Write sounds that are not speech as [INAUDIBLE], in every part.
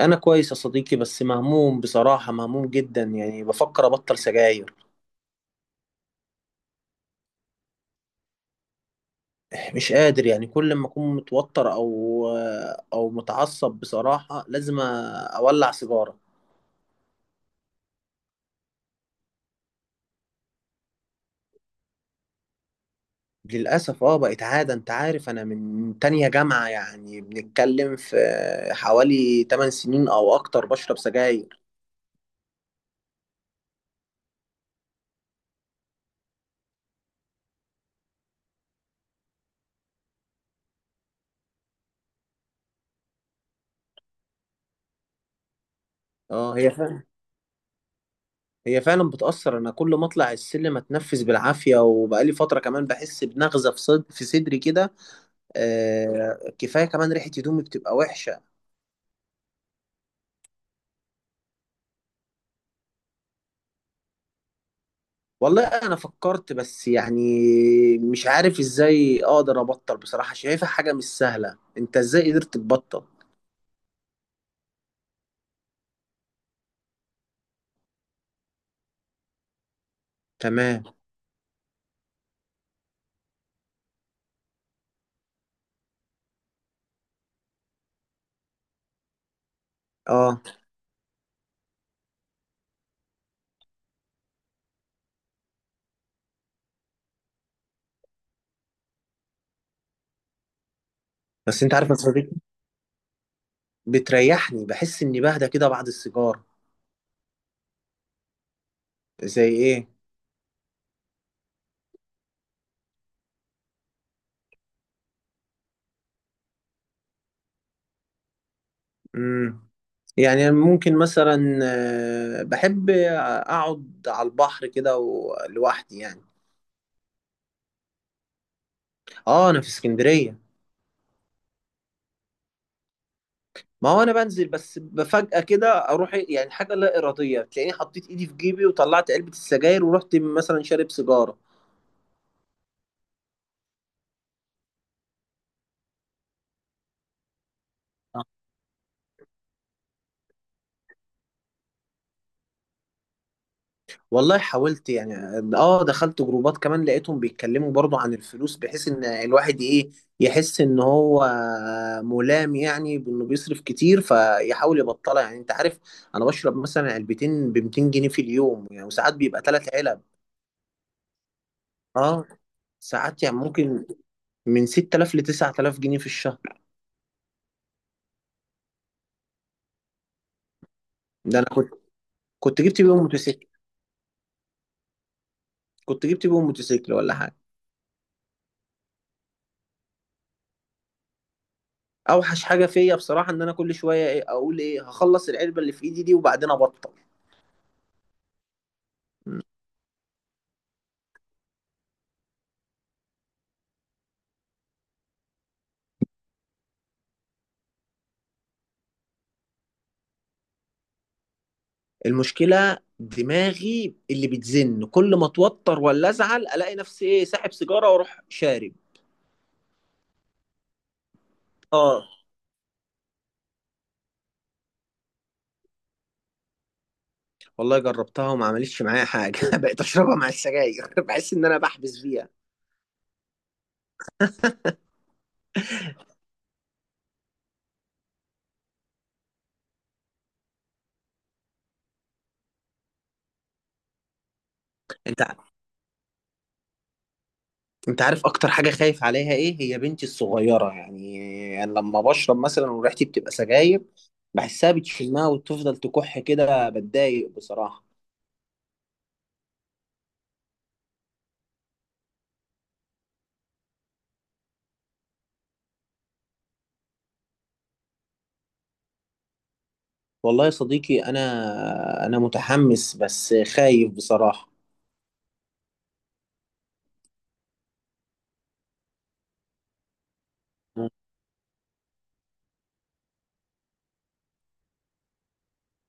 انا كويس يا صديقي، بس مهموم بصراحة، مهموم جدا. يعني بفكر ابطل سجاير. مش قادر، يعني كل ما اكون متوتر او متعصب بصراحة لازم اولع سيجارة. للأسف اه، بقت عادة. انت عارف، انا من تانية جامعة، يعني بنتكلم في حوالي 8 سنين او اكتر بشرب سجاير. اه، هي فعلا بتأثر. انا كل ما اطلع السلم اتنفس بالعافية، وبقالي فترة كمان بحس بنغزة في صدري كده. كفايه كمان، ريحه هدومي بتبقى وحشه. والله انا فكرت، بس يعني مش عارف ازاي اقدر ابطل بصراحه، شايفها حاجه مش سهله. انت ازاي قدرت تبطل؟ تمام. اه بس انت عارف يا صديقي، بتريحني، بحس اني بهدى كده بعد السيجار. زي ايه؟ امم يعني ممكن مثلا، بحب اقعد على البحر كده لوحدي يعني. اه انا في اسكندريه. ما هو انا بنزل، بس فجأة كده اروح إيه، يعني حاجة لا ارادية، تلاقيني حطيت ايدي في جيبي وطلعت علبة السجاير ورحت مثلا شارب سيجارة. آه. والله حاولت يعني، اه دخلت جروبات كمان، لقيتهم بيتكلموا برضو عن الفلوس، بحيث ان الواحد ايه، يحس ان هو ملام، يعني بانه بيصرف كتير فيحاول يبطلها. يعني انت عارف، انا بشرب مثلا علبتين ب 200 جنيه في اليوم يعني، وساعات بيبقى 3 علب. اه. ساعات يعني ممكن من 6000 ل 9000 جنيه في الشهر. ده انا كنت كنت جبت بيهم موتوسيكل كنت جبت بيهم موتوسيكل ولا حاجه. اوحش حاجه فيا بصراحه، ان انا كل شويه ايه، اقول ايه هخلص العلبه اللي في ايدي دي وبعدين ابطل. مم. المشكله دماغي اللي بتزن، كل ما اتوتر ولا ازعل الاقي نفسي ايه، ساحب سيجاره واروح شارب. اه. والله جربتها وما عملتش معايا حاجه [LAUGHS] بقيت اشربها مع السجاير [LAUGHS] بحس ان انا بحبس فيها. انت انت عارف اكتر حاجه خايف عليها ايه، هي بنتي الصغيره يعني. يعني لما بشرب مثلا وريحتي بتبقى سجاير، بحسها بتشمها وتفضل تكح كده، بتضايق بصراحه. والله يا صديقي انا متحمس بس خايف بصراحه.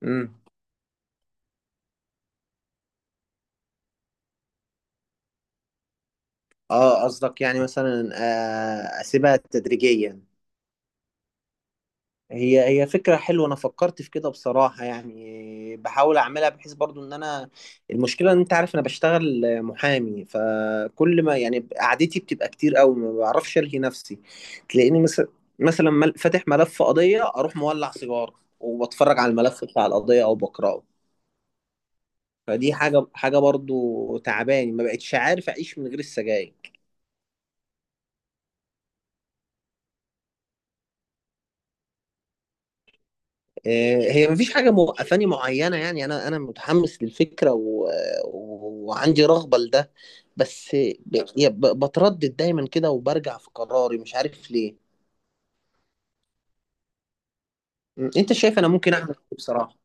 امم. اه قصدك يعني مثلا، اسيبها تدريجيا. هي فكرة حلوة. أنا فكرت في كده بصراحة، يعني بحاول أعملها بحيث برضو إن أنا... المشكلة إن أنت عارف أنا بشتغل محامي، فكل ما يعني قعدتي بتبقى كتير أوي، ما بعرفش ألهي نفسي. تلاقيني مثلا، فاتح ملف قضية أروح مولع سيجارة، وبتفرج على الملف بتاع القضية أو بقرأه. فدي حاجة برضو تعباني، ما بقتش عارف أعيش من غير السجاير. هي مفيش حاجة موقفاني معينة يعني. أنا متحمس للفكرة، وعندي رغبة لده. بس بتردد دايما كده، وبرجع في قراري مش عارف ليه. أنت شايف أنا ممكن أعمل إيه بصراحة؟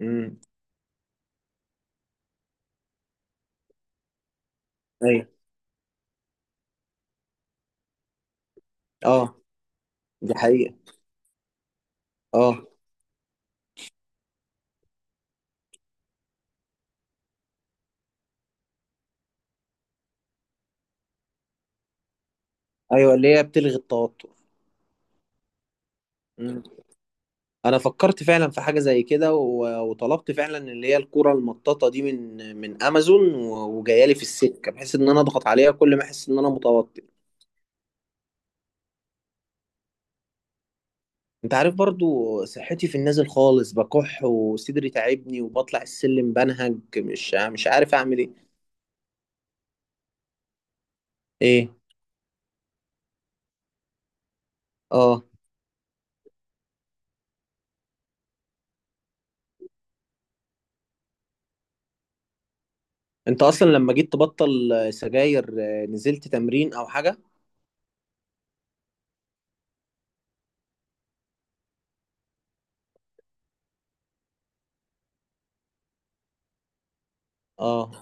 امم. أيوه. أه. دي حقيقة. أه. أيوه، اللي هي بتلغي التوتر. مم. أنا فكرت فعلا في حاجة زي كده، وطلبت فعلا اللي هي الكرة المطاطة دي من أمازون، وجاية لي في السكة بحيث إن أنا أضغط عليها كل ما أحس إن أنا متوتر. انت عارف برضو، صحتي في النازل خالص، بكح وصدري تعبني وبطلع السلم بنهج، مش عارف اعمل ايه. ايه؟ اه. انت اصلا لما جيت تبطل سجاير، نزلت تمرين او حاجة؟ اه.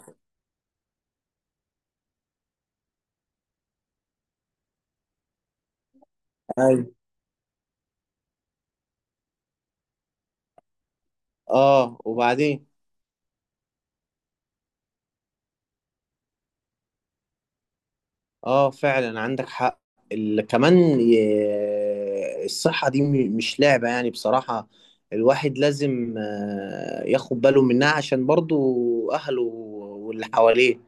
ايوه. اه، وبعدين؟ اه فعلا عندك حق. كمان الصحة دي مش لعبة يعني بصراحة. الواحد لازم، ياخد باله منها عشان برضو اهله واللي حواليه.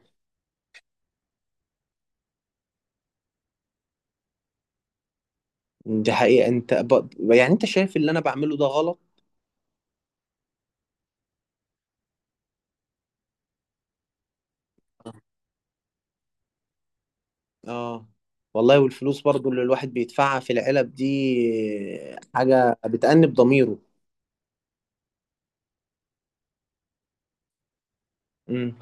دي حقيقة. انت يعني انت شايف اللي انا بعمله ده غلط؟ اه. والله والفلوس برضو اللي الواحد بيدفعها في العلب دي، حاجة بتأنب ضميره. امم.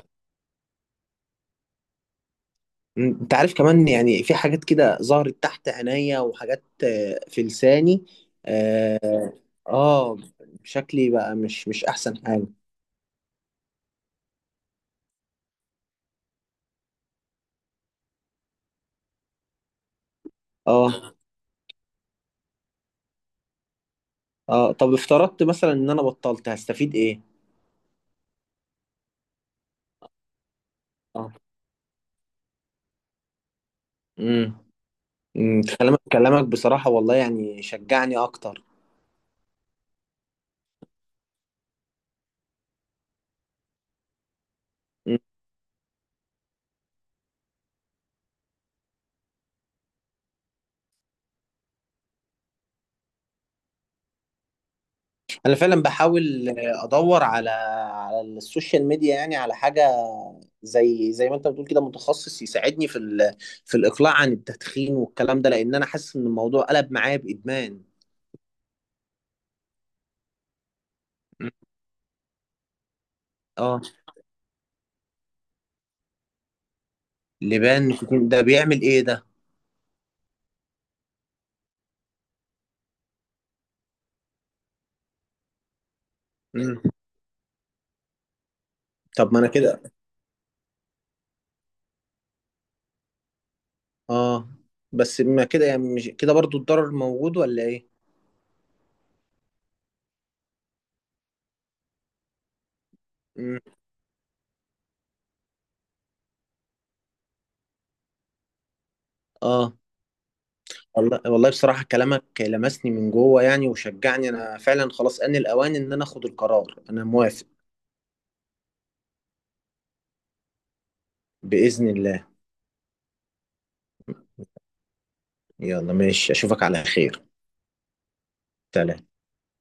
انت عارف كمان يعني في حاجات كده ظهرت تحت عينيا، وحاجات في لساني. اه. آه، شكلي بقى مش احسن حاجة. اه، اه. طب افترضت مثلا ان انا بطلت هستفيد ايه؟ اه. امم. كلامك بصراحة والله يعني شجعني اكتر. انا فعلا بحاول ادور على السوشيال ميديا يعني، على حاجه زي ما انت بتقول كده، متخصص يساعدني في في الاقلاع عن التدخين والكلام ده، لان انا حاسس ان الموضوع قلب معايا بادمان. مم. اه. لبان نيكوتين، ده بيعمل ايه ده؟ مم. طب ما انا كده. اه، بس ما كده يعني مش كده برضو الضرر موجود ولا ايه؟ مم. اه والله والله بصراحه كلامك لمسني من جوه يعني، وشجعني. انا فعلا خلاص، ان الاوان ان انا اخد القرار، انا موافق. باذن الله. يلا ماشي، اشوفك على خير. سلام.